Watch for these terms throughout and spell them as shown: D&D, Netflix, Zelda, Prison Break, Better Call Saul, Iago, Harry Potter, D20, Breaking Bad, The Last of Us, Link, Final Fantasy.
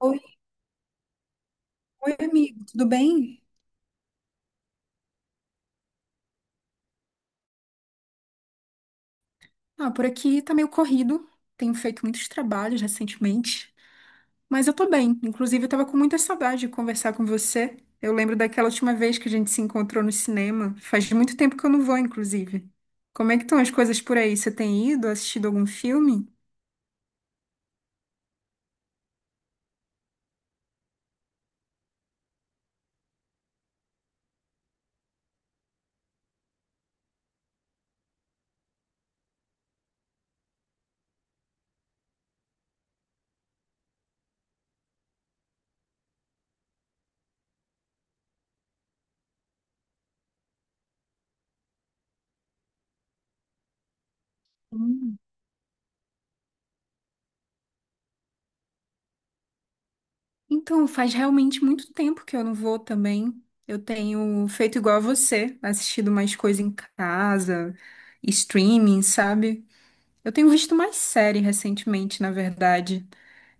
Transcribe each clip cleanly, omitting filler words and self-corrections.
Oi, amigo, tudo bem? Ah, por aqui tá meio corrido. Tenho feito muitos trabalhos recentemente, mas eu tô bem. Inclusive, eu tava com muita saudade de conversar com você. Eu lembro daquela última vez que a gente se encontrou no cinema. Faz muito tempo que eu não vou, inclusive. Como é que estão as coisas por aí? Você tem ido, assistido algum filme? Hum. Então, faz realmente muito tempo que eu não vou também. Eu tenho feito igual a você, assistido mais coisa em casa, streaming, sabe? Eu tenho visto mais série recentemente, na verdade.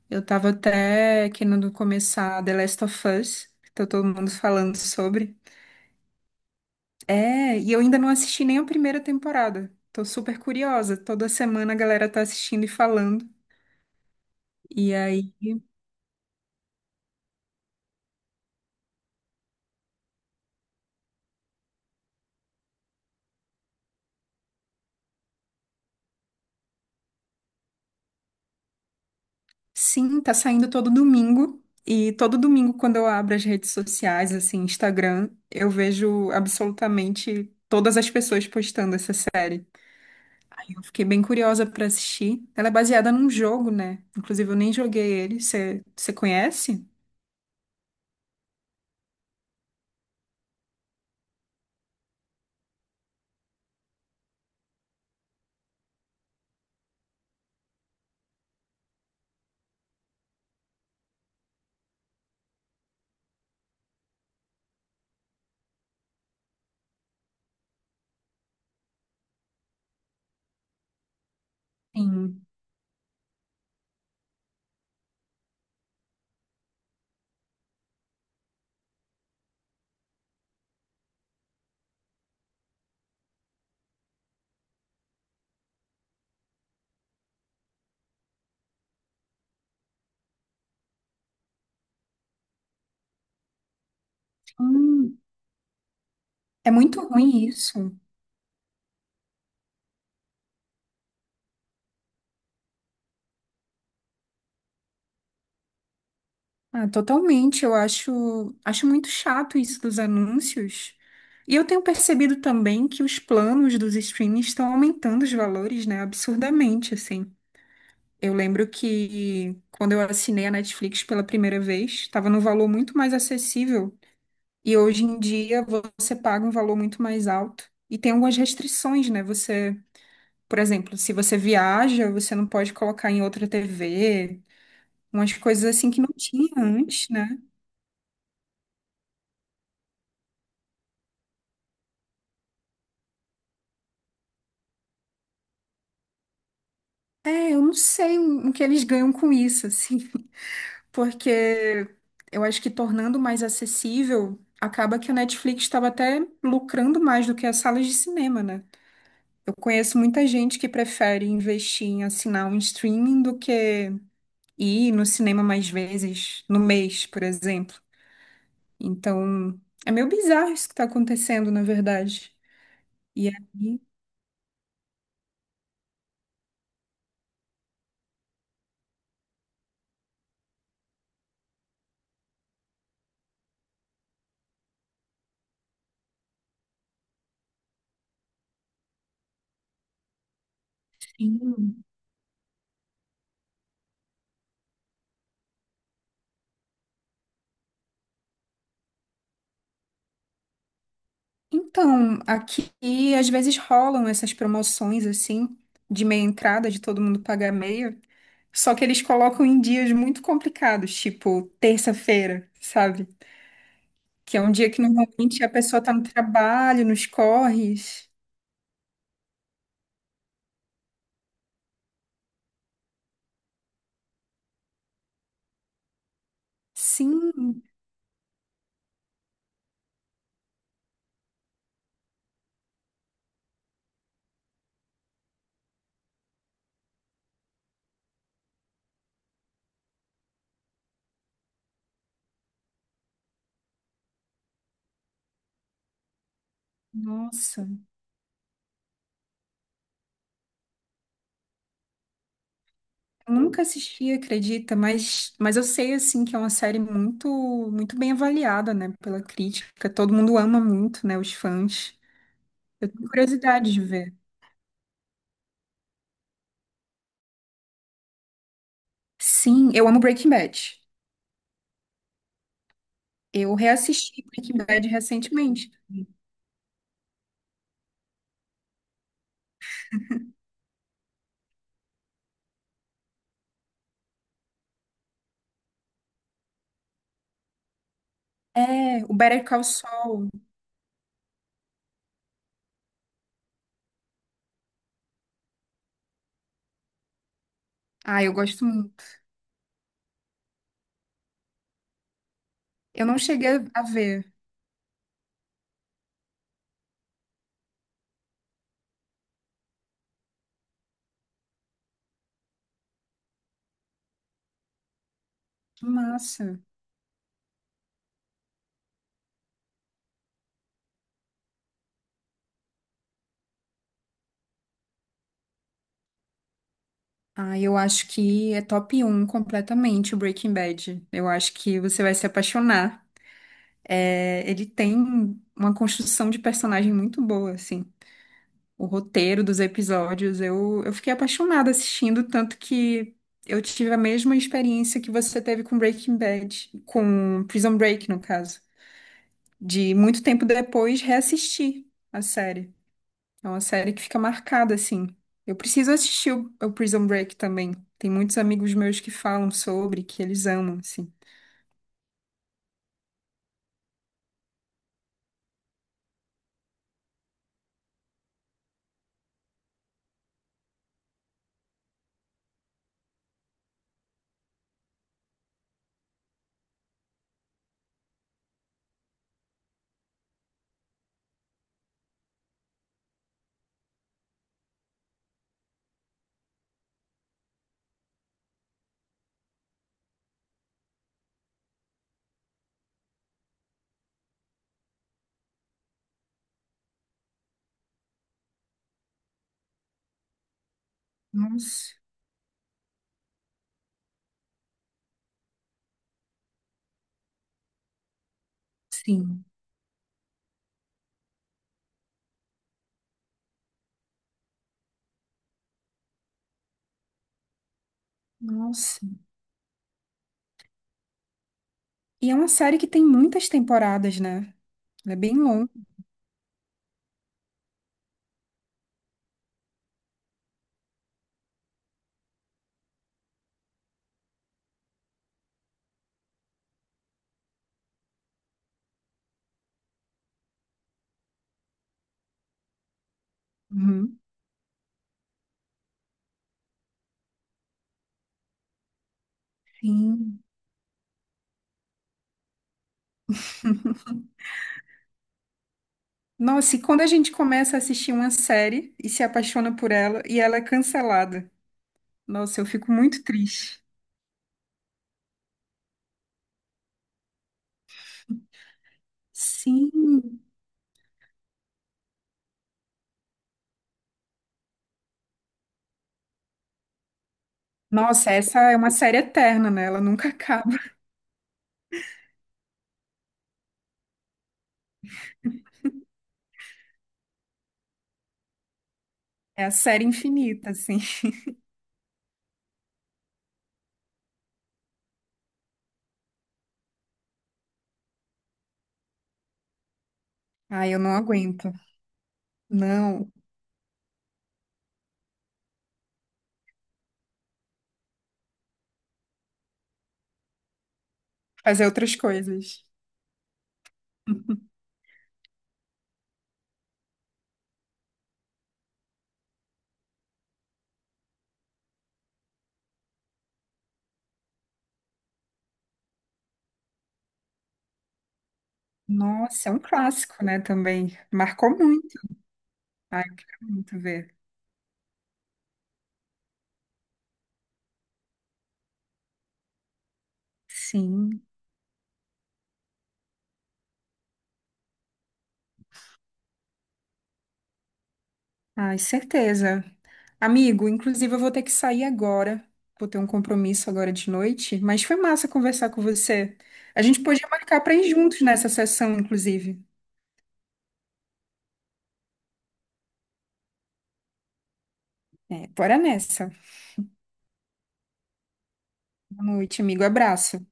Eu tava até querendo começar The Last of Us, que tá todo mundo falando sobre. É, e eu ainda não assisti nem a primeira temporada. Tô super curiosa. Toda semana a galera tá assistindo e falando. E aí, sim, tá saindo todo domingo. E todo domingo, quando eu abro as redes sociais, assim, Instagram, eu vejo absolutamente todas as pessoas postando essa. Eu fiquei bem curiosa pra assistir. Ela é baseada num jogo, né? Inclusive, eu nem joguei ele. Você conhece? Sim. Hum, é muito ruim isso. Ah, totalmente. Eu acho, muito chato isso dos anúncios. E eu tenho percebido também que os planos dos streams estão aumentando os valores, né? Absurdamente, assim. Eu lembro que quando eu assinei a Netflix pela primeira vez, estava num valor muito mais acessível. E hoje em dia você paga um valor muito mais alto. E tem algumas restrições, né? Você, por exemplo, se você viaja, você não pode colocar em outra TV, umas coisas assim que não tinha antes, né? É, eu não sei o que eles ganham com isso, assim, porque eu acho que tornando mais acessível, acaba que a Netflix estava até lucrando mais do que as salas de cinema, né? Eu conheço muita gente que prefere investir em assinar um streaming do que e ir no cinema mais vezes no mês, por exemplo. Então, é meio bizarro isso que está acontecendo, na verdade. E aí, sim. Então, aqui às vezes rolam essas promoções assim, de meia entrada, de todo mundo pagar meia. Só que eles colocam em dias muito complicados, tipo terça-feira, sabe? Que é um dia que normalmente a pessoa tá no trabalho, nos corres. Sim, nossa. Eu nunca assisti, acredita, mas eu sei assim que é uma série muito muito bem avaliada, né, pela crítica. Todo mundo ama muito, né, os fãs. Eu tenho curiosidade de ver. Sim, eu amo Breaking Bad. Eu reassisti Breaking Bad recentemente. É, o Better Call Saul. Ah, eu gosto muito. Eu não cheguei a ver. Que massa. Ah, eu acho que é top um completamente o Breaking Bad. Eu acho que você vai se apaixonar. É, ele tem uma construção de personagem muito boa, assim. O roteiro dos episódios, eu fiquei apaixonada assistindo, tanto que eu tive a mesma experiência que você teve com Breaking Bad, com Prison Break, no caso, de muito tempo depois reassistir a série. É uma série que fica marcada, assim. Eu preciso assistir o Prison Break também. Tem muitos amigos meus que falam sobre, que eles amam, assim. Nossa, sim. Nossa. E é uma série que tem muitas temporadas, né? Ela é bem longa. Uhum. Sim. Nossa, e quando a gente começa a assistir uma série e se apaixona por ela e ela é cancelada, nossa, eu fico muito triste. Sim. Nossa, essa é uma série eterna, né? Ela nunca acaba. É a série infinita, assim. Ai, eu não aguento. Não, fazer outras coisas. Nossa, é um clássico, né, também. Marcou muito. Ai, eu quero muito ver. Sim. Ai, certeza. Amigo, inclusive eu vou ter que sair agora. Vou ter um compromisso agora de noite, mas foi massa conversar com você. A gente podia marcar para ir juntos nessa sessão, inclusive. É, bora nessa. Boa noite, amigo. Abraço.